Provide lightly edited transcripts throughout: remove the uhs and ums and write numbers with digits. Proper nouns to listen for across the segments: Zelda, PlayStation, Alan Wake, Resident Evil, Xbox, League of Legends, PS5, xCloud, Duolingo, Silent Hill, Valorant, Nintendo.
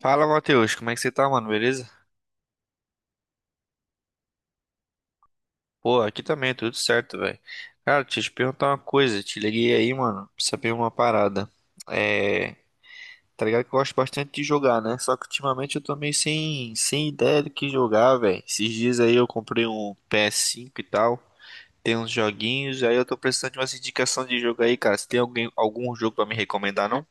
Fala, Matheus, como é que você tá, mano? Beleza? Pô, aqui também, tudo certo, velho. Cara, deixa eu te perguntar uma coisa. Te liguei aí, mano, pra saber uma parada. É, tá ligado que eu gosto bastante de jogar, né? Só que ultimamente eu tô meio sem ideia do que jogar, velho. Esses dias aí eu comprei um PS5 e tal. Tem uns joguinhos, aí eu tô precisando de umas indicações de jogo aí, cara. Você tem alguém, algum jogo pra me recomendar, não?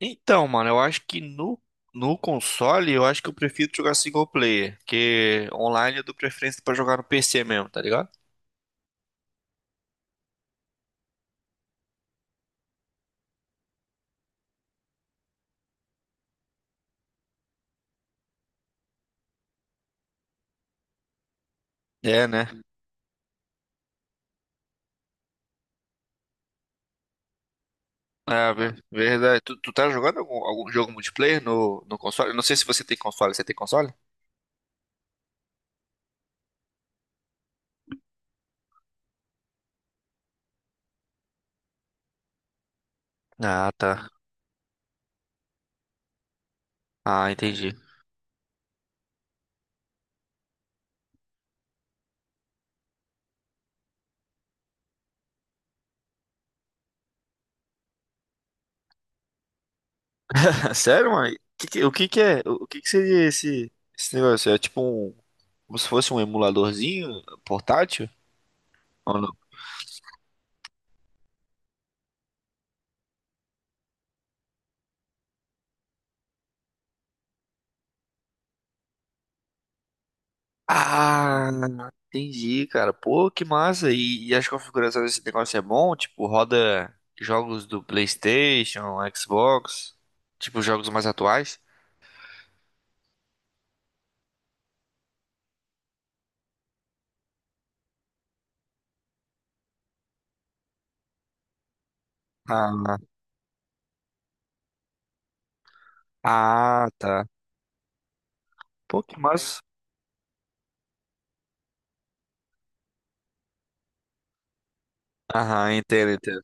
Então, mano, eu acho que no console, eu acho que eu prefiro jogar single player, porque online eu dou preferência pra jogar no PC mesmo, tá ligado? É, né? Ah, verdade. Tu tá jogando algum jogo multiplayer no console? Eu não sei se você tem console. Você tem console? Ah, tá. Ah, entendi. Sério, mano? O que que é? O que que seria esse, esse negócio? É tipo um, como se fosse um emuladorzinho portátil? Ah, entendi, cara. Pô, que massa. E as configurações desse negócio é bom? Tipo, roda jogos do PlayStation, Xbox, tipo jogos mais atuais? Ah, ah, tá. Pô, que massa. Aham, entendo, entendo.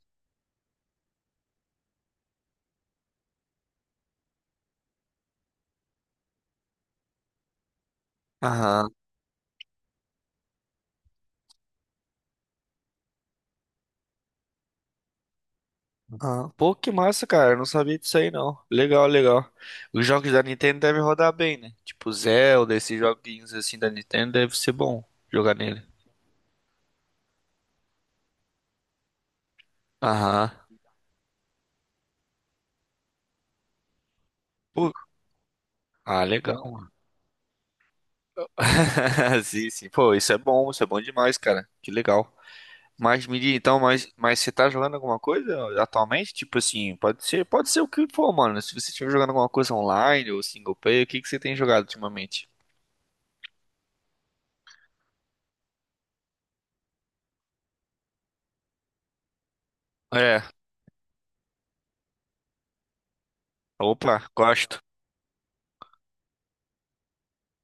Aham, aham. Pô, que massa, cara. Eu não sabia disso aí, não. Legal, legal. Os jogos da Nintendo devem rodar bem, né? Tipo, Zelda, esses joguinhos assim da Nintendo deve ser bom jogar nele. Aham. Pô, Ah, legal. Sim, sim. Pô, isso é bom demais, cara. Que legal. Mas me diz, então, mas você tá jogando alguma coisa atualmente? Tipo assim, pode ser o que for, mano. Se você estiver jogando alguma coisa online ou single player, o que que você tem jogado ultimamente? É, Opa, gosto.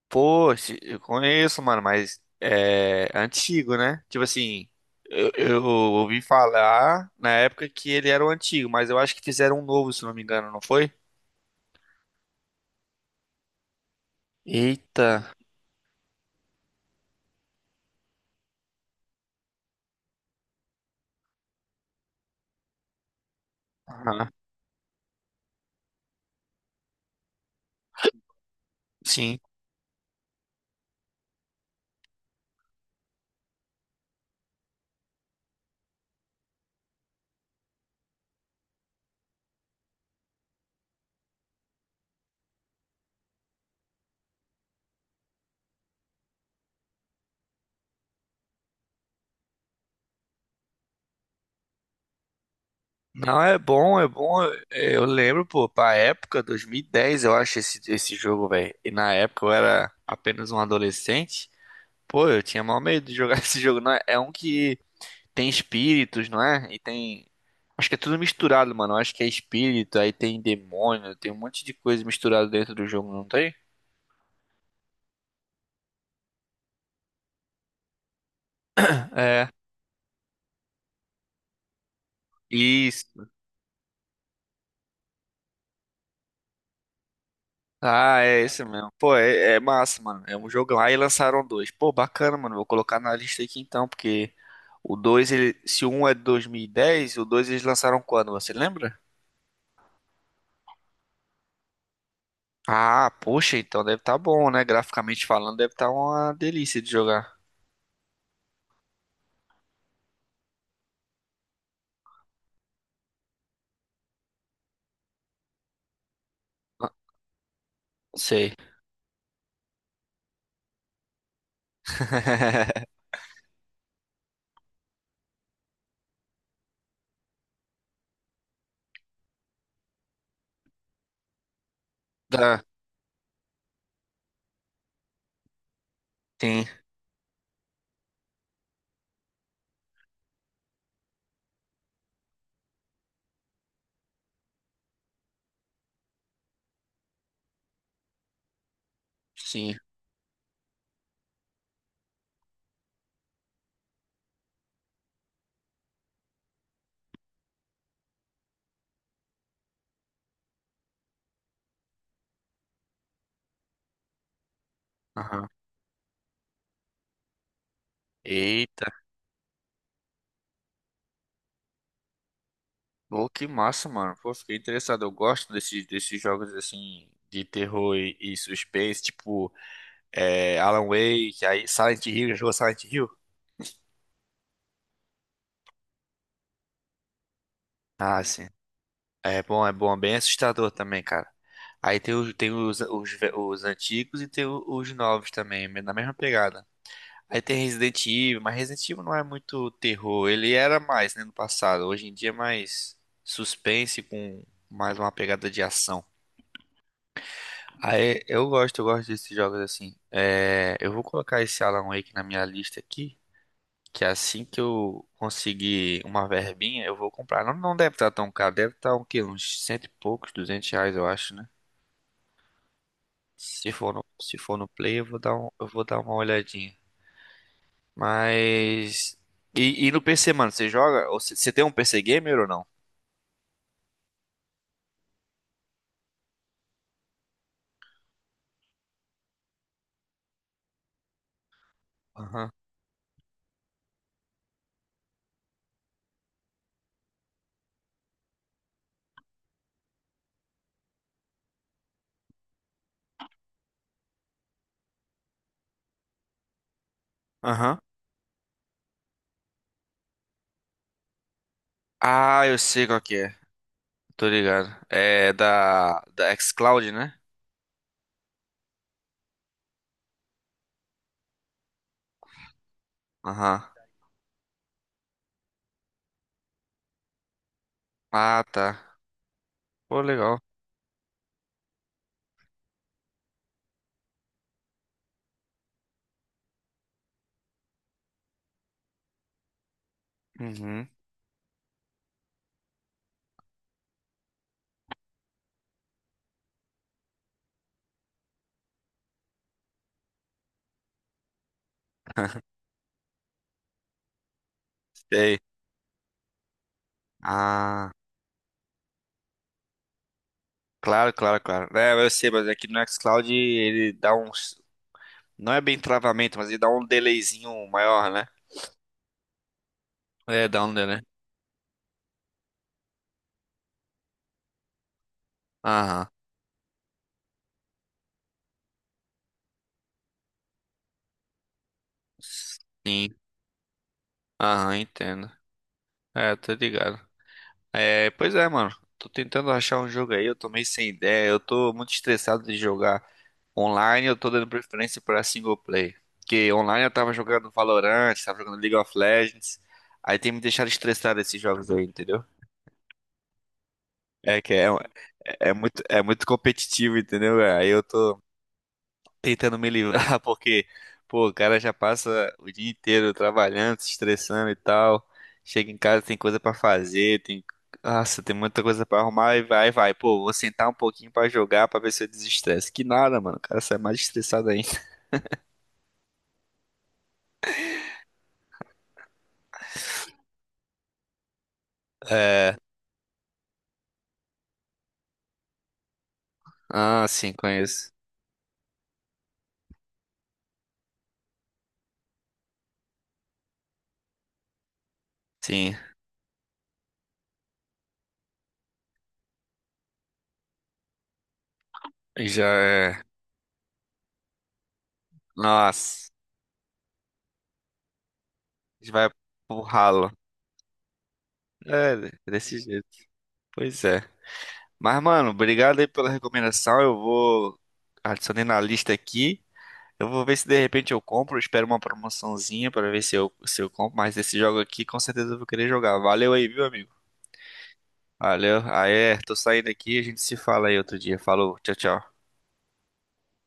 Pô, eu conheço, mano, mas é antigo, né? Tipo assim, eu ouvi falar na época que ele era o antigo, mas eu acho que fizeram um novo, se não me engano, não foi? Eita. Aham. Sim. Não, é bom, é bom. Eu lembro, pô, pra época, 2010, eu acho esse, esse jogo, velho. E na época eu era apenas um adolescente. Pô, eu tinha mal medo de jogar esse jogo. Não é? É um que tem espíritos, não é? E tem. Acho que é tudo misturado, mano. Acho que é espírito, aí tem demônio, tem um monte de coisa misturada dentro do jogo, não tem? É. E ah, é esse mesmo. Pô, é, é massa, mano. É um jogo. Jogão. Aí lançaram dois. Pô, bacana, mano. Vou colocar na lista aqui então, porque o dois, ele... se o um é de 2010, o dois eles lançaram quando? Você lembra? Ah, poxa, então deve estar bom, né? Graficamente falando, deve estar uma delícia de jogar. Ah, sei. Tá, tem, sim. Aham. Eita. Pô, que massa, mano. Pô, fiquei interessado. Eu gosto desses jogos assim de terror e suspense, tipo. É, Alan Wake, aí Silent Hill, já jogou Silent Hill? Ah, sim. É bom, é bom, é bem assustador também, cara. Aí tem os, ve- os antigos e tem os novos também, na mesma pegada. Aí tem Resident Evil, mas Resident Evil não é muito terror, ele era mais, né, no passado. Hoje em dia é mais suspense com mais uma pegada de ação. Aí eu gosto desses jogos assim. É, eu vou colocar esse Alan Wake na minha lista aqui. Que assim que eu conseguir uma verbinha, eu vou comprar. Não, não deve estar tão caro, deve estar um quê? Uns cento e poucos, duzentos reais, eu acho, né? Se for no Play, eu vou dar eu vou dar uma olhadinha. Mas. E no PC, mano, você joga? Ou você tem um PC gamer ou não? Aham. Aham. Ah, eu sei qual que é. Tô ligado. É da xCloud, né? Aham. Ah, tá. Pô, legal. Uhum. Sei. Ah. Claro, claro, claro. É, eu sei, mas aqui no Xcloud ele dá uns. Não é bem travamento, mas ele dá um delayzinho maior, né? É, dá um delay. Aham. Sim. Aham, entendo. É, tô ligado. É, pois é, mano. Tô tentando achar um jogo aí, eu tô meio sem ideia. Eu tô muito estressado de jogar online, eu tô dando preferência pra single play. Porque online eu tava jogando Valorant, tava jogando League of Legends. Aí tem me deixado estressado esses jogos aí, entendeu? É que é, um, é muito competitivo, entendeu? Aí eu tô tentando me livrar porque, pô, o cara já passa o dia inteiro trabalhando, se estressando e tal. Chega em casa, tem coisa pra fazer, tem, nossa, tem muita coisa pra arrumar e vai, vai. Pô, vou sentar um pouquinho pra jogar pra ver se eu desestresse. Que nada, mano. O cara sai mais estressado ainda. É, ah, sim, conheço. Sim, já é. Nossa, a gente vai pro ralo. É, desse jeito. Pois é. Mas, mano, obrigado aí pela recomendação. Eu vou adicionei na lista aqui. Eu vou ver se de repente eu compro. Espero uma promoçãozinha pra ver se eu, se eu compro. Mas esse jogo aqui, com certeza eu vou querer jogar. Valeu aí, viu, amigo? Valeu. Aí, é, tô saindo aqui. A gente se fala aí outro dia. Falou, tchau, tchau.